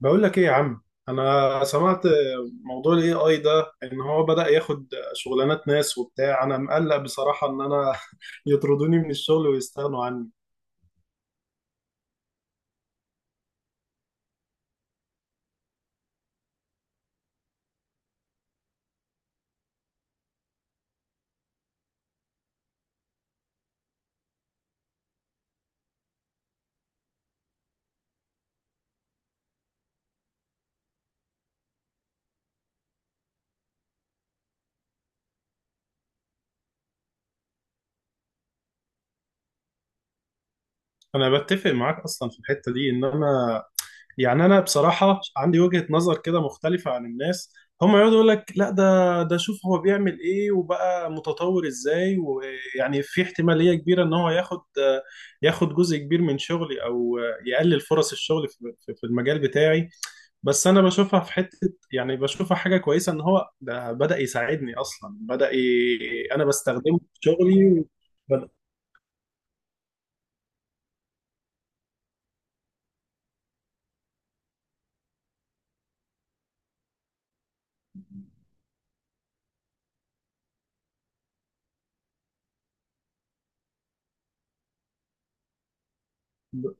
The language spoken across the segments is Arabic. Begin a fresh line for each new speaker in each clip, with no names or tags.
بقول لك ايه يا عم. انا سمعت موضوع الاي اي ده ان هو بدأ ياخد شغلانات ناس وبتاع. انا مقلق بصراحة ان انا يطردوني من الشغل ويستغنوا عني. انا بتفق معاك اصلا في الحتة دي ان انا، انا بصراحة عندي وجهة نظر كده مختلفة عن الناس. هم يقعدوا يقول لك لا، ده شوف هو بيعمل ايه وبقى متطور ازاي، ويعني في احتمالية كبيرة ان هو ياخد جزء كبير من شغلي، او يقلل فرص الشغل في في المجال بتاعي. بس انا بشوفها في حته، يعني بشوفها حاجه كويسه ان هو ده بدا يساعدني اصلا، انا بستخدمه في شغلي و... ب- ب-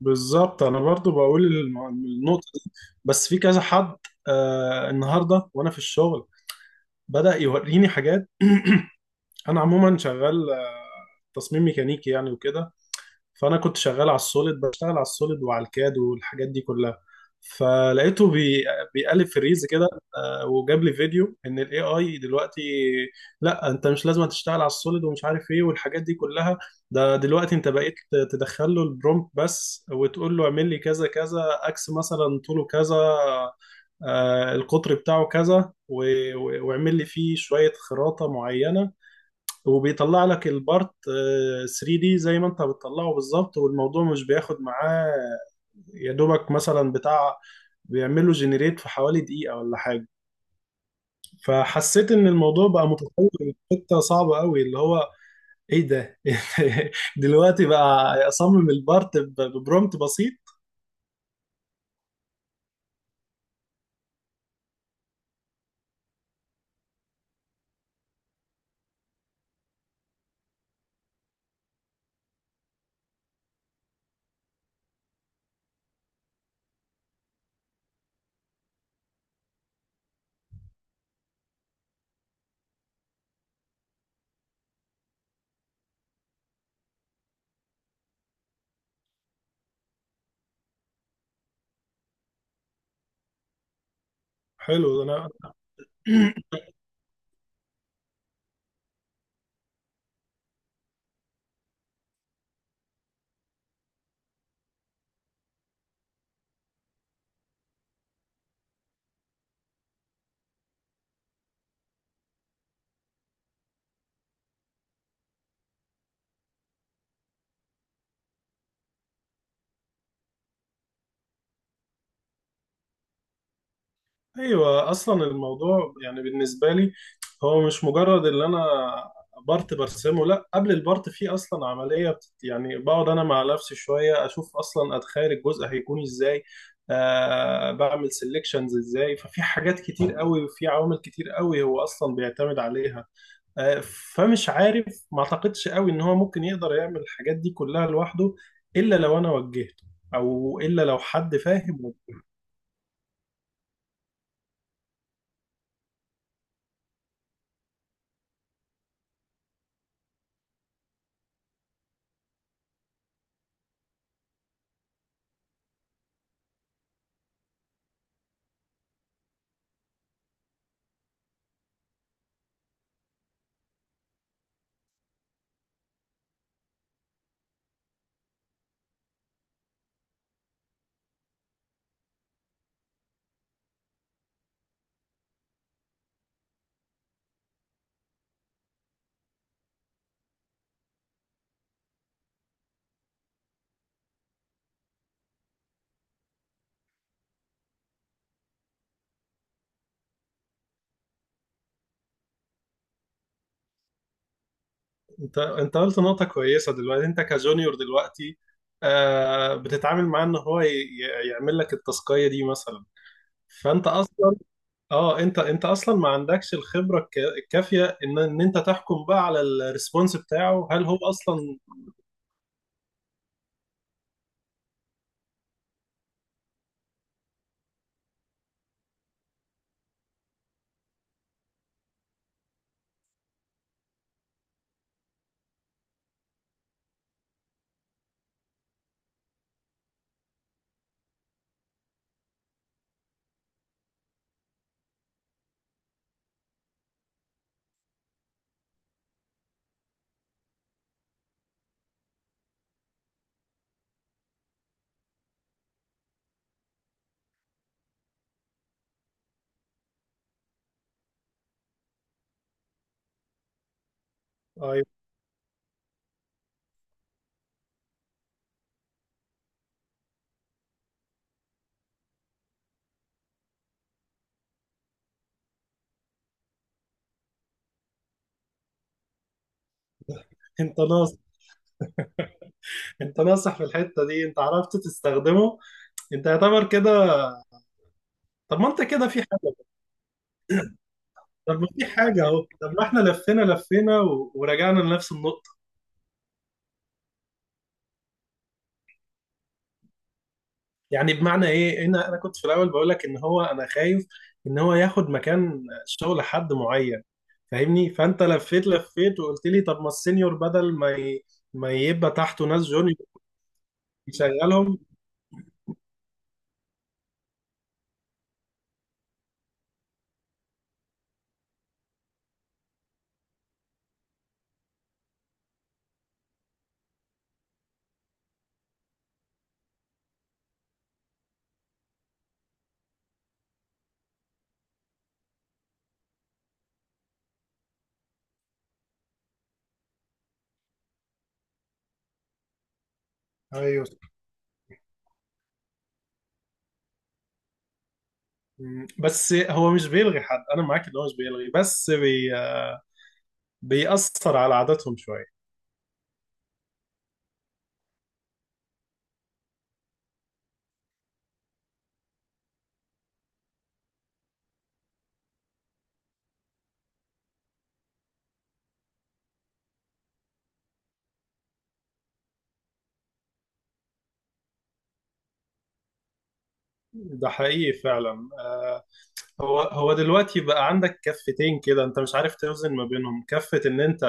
بالظبط. انا برضو بقول النقطه دي. بس في كذا حد آه النهارده وانا في الشغل بدا يوريني حاجات. انا عموما شغال تصميم ميكانيكي يعني وكده. فانا كنت شغال على السوليد، بشتغل على السوليد وعلى الكاد والحاجات دي كلها. فلقيته بي... بيقلب في الريلز كده. آه، وجاب لي فيديو ان الاي اي دلوقتي لا انت مش لازم تشتغل على السوليد ومش عارف ايه والحاجات دي كلها. ده دلوقتي انت بقيت تدخل له البرومبت بس وتقول له اعمل لي كذا كذا اكس مثلا طوله كذا، آه، القطر بتاعه كذا و- و- واعمل لي فيه شوية خراطة معينة، وبيطلع لك البارت 3 دي زي ما انت بتطلعه بالظبط. والموضوع مش بياخد معاه يا دوبك مثلا بتاع، بيعمله جنريت في حوالي دقيقة ولا حاجة. فحسيت ان الموضوع بقى متطور لحتة صعبة قوي اللي هو ايه ده! دلوقتي بقى اصمم البارت ببرومت بسيط. حلو. انا ايوه، اصلا الموضوع يعني بالنسبه لي هو مش مجرد اللي انا بارت برسمه، لا، قبل البارت فيه اصلا عمليه بت... يعني بقعد انا مع نفسي شويه اشوف، اصلا اتخيل الجزء هيكون ازاي، آه بعمل سيلكشنز ازاي. ففي حاجات كتير قوي وفي عوامل كتير قوي هو اصلا بيعتمد عليها. آه، فمش عارف، ما اعتقدش قوي ان هو ممكن يقدر يعمل الحاجات دي كلها لوحده الا لو انا وجهته، او الا لو حد فاهم. انت قلت نقطة كويسة دلوقتي. انت كجونيور دلوقتي آه بتتعامل معاه ان هو يعمل لك التاسكية دي مثلا. فانت اصلا، اه، انت اصلا ما عندكش الخبرة الكافية ان انت تحكم بقى على الريسبونس بتاعه، هل هو اصلا. ايوه، انت ناصح. انت ناصح في الحتة دي، انت عرفت تستخدمه، انت يعتبر كده. طب ما انت كده في حاجة. طب ما في حاجة اهو. طب ما احنا لفينا ورجعنا لنفس النقطة. يعني بمعنى ايه، انا كنت في الاول بقول لك ان هو انا خايف ان هو ياخد مكان شغل حد معين، فاهمني. فانت لفيت وقلت لي طب ما السينيور بدل ما ما يبقى تحته ناس جونيور يشغلهم. ايوه. بس هو مش بيلغي حد، انا معاك ان هو مش بيلغي، بيأثر على عاداتهم شوية. ده حقيقي فعلا. هو دلوقتي بقى عندك كفتين كده انت مش عارف توزن ما بينهم. كفة ان انت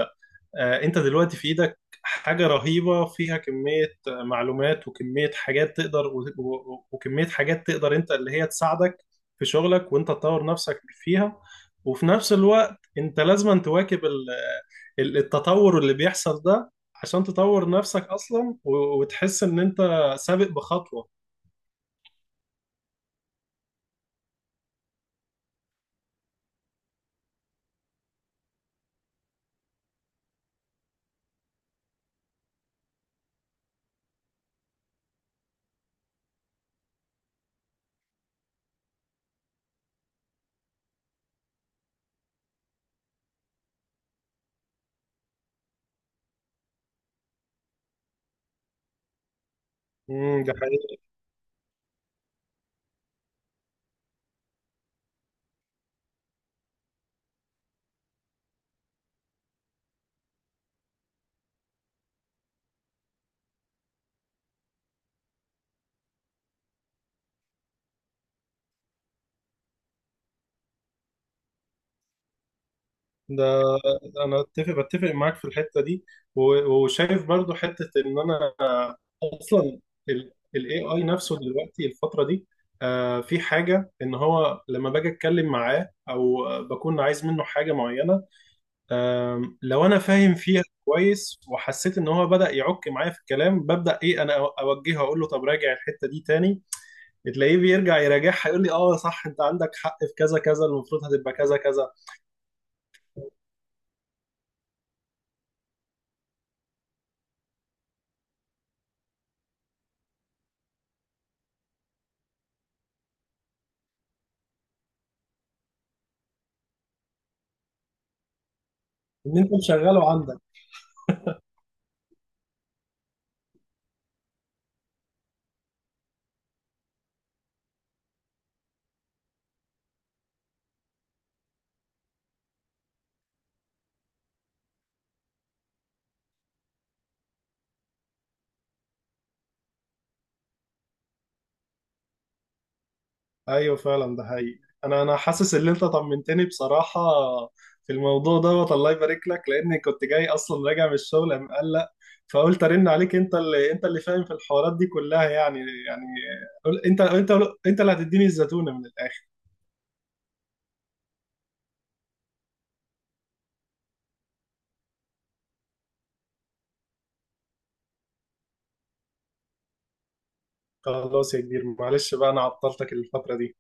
آه، انت دلوقتي في ايدك حاجة رهيبة فيها كمية آه، معلومات وكمية حاجات تقدر، و- و- وكمية حاجات تقدر انت اللي هي تساعدك في شغلك وانت تطور نفسك فيها. وفي نفس الوقت انت لازم تواكب التطور اللي بيحصل ده عشان تطور نفسك اصلا وتحس ان انت سابق بخطوة. امم، ده حقيقي. ده انا بتفق معاك في الحتة دي، وشايف برضو حتة ان انا اصلا الاي اي نفسه دلوقتي الفتره دي آه، في حاجه ان هو لما باجي اتكلم معاه او آه، بكون عايز منه حاجه معينه، آم، لو انا فاهم فيها كويس وحسيت ان هو بدا يعك معايا في الكلام، ببدا ايه، انا اوجهه اقول له طب راجع الحته دي تاني. تلاقيه بيرجع يراجعها يقول لي اه صح، انت عندك حق في كذا كذا، المفروض هتبقى كذا كذا. ان انت مشغله عندك. ايوه فعلا، ده حقيقي. انا حاسس ان انت طمنتني بصراحه في الموضوع دوت. الله يبارك لك، لاني كنت جاي اصلا راجع من الشغل مقلق، فقلت ارن عليك انت اللي، انت اللي فاهم في الحوارات دي كلها يعني. يعني قول- انت انت انت اللي هتديني الزتونه من الاخر. خلاص يا كبير، معلش بقى انا عطلتك الفتره دي.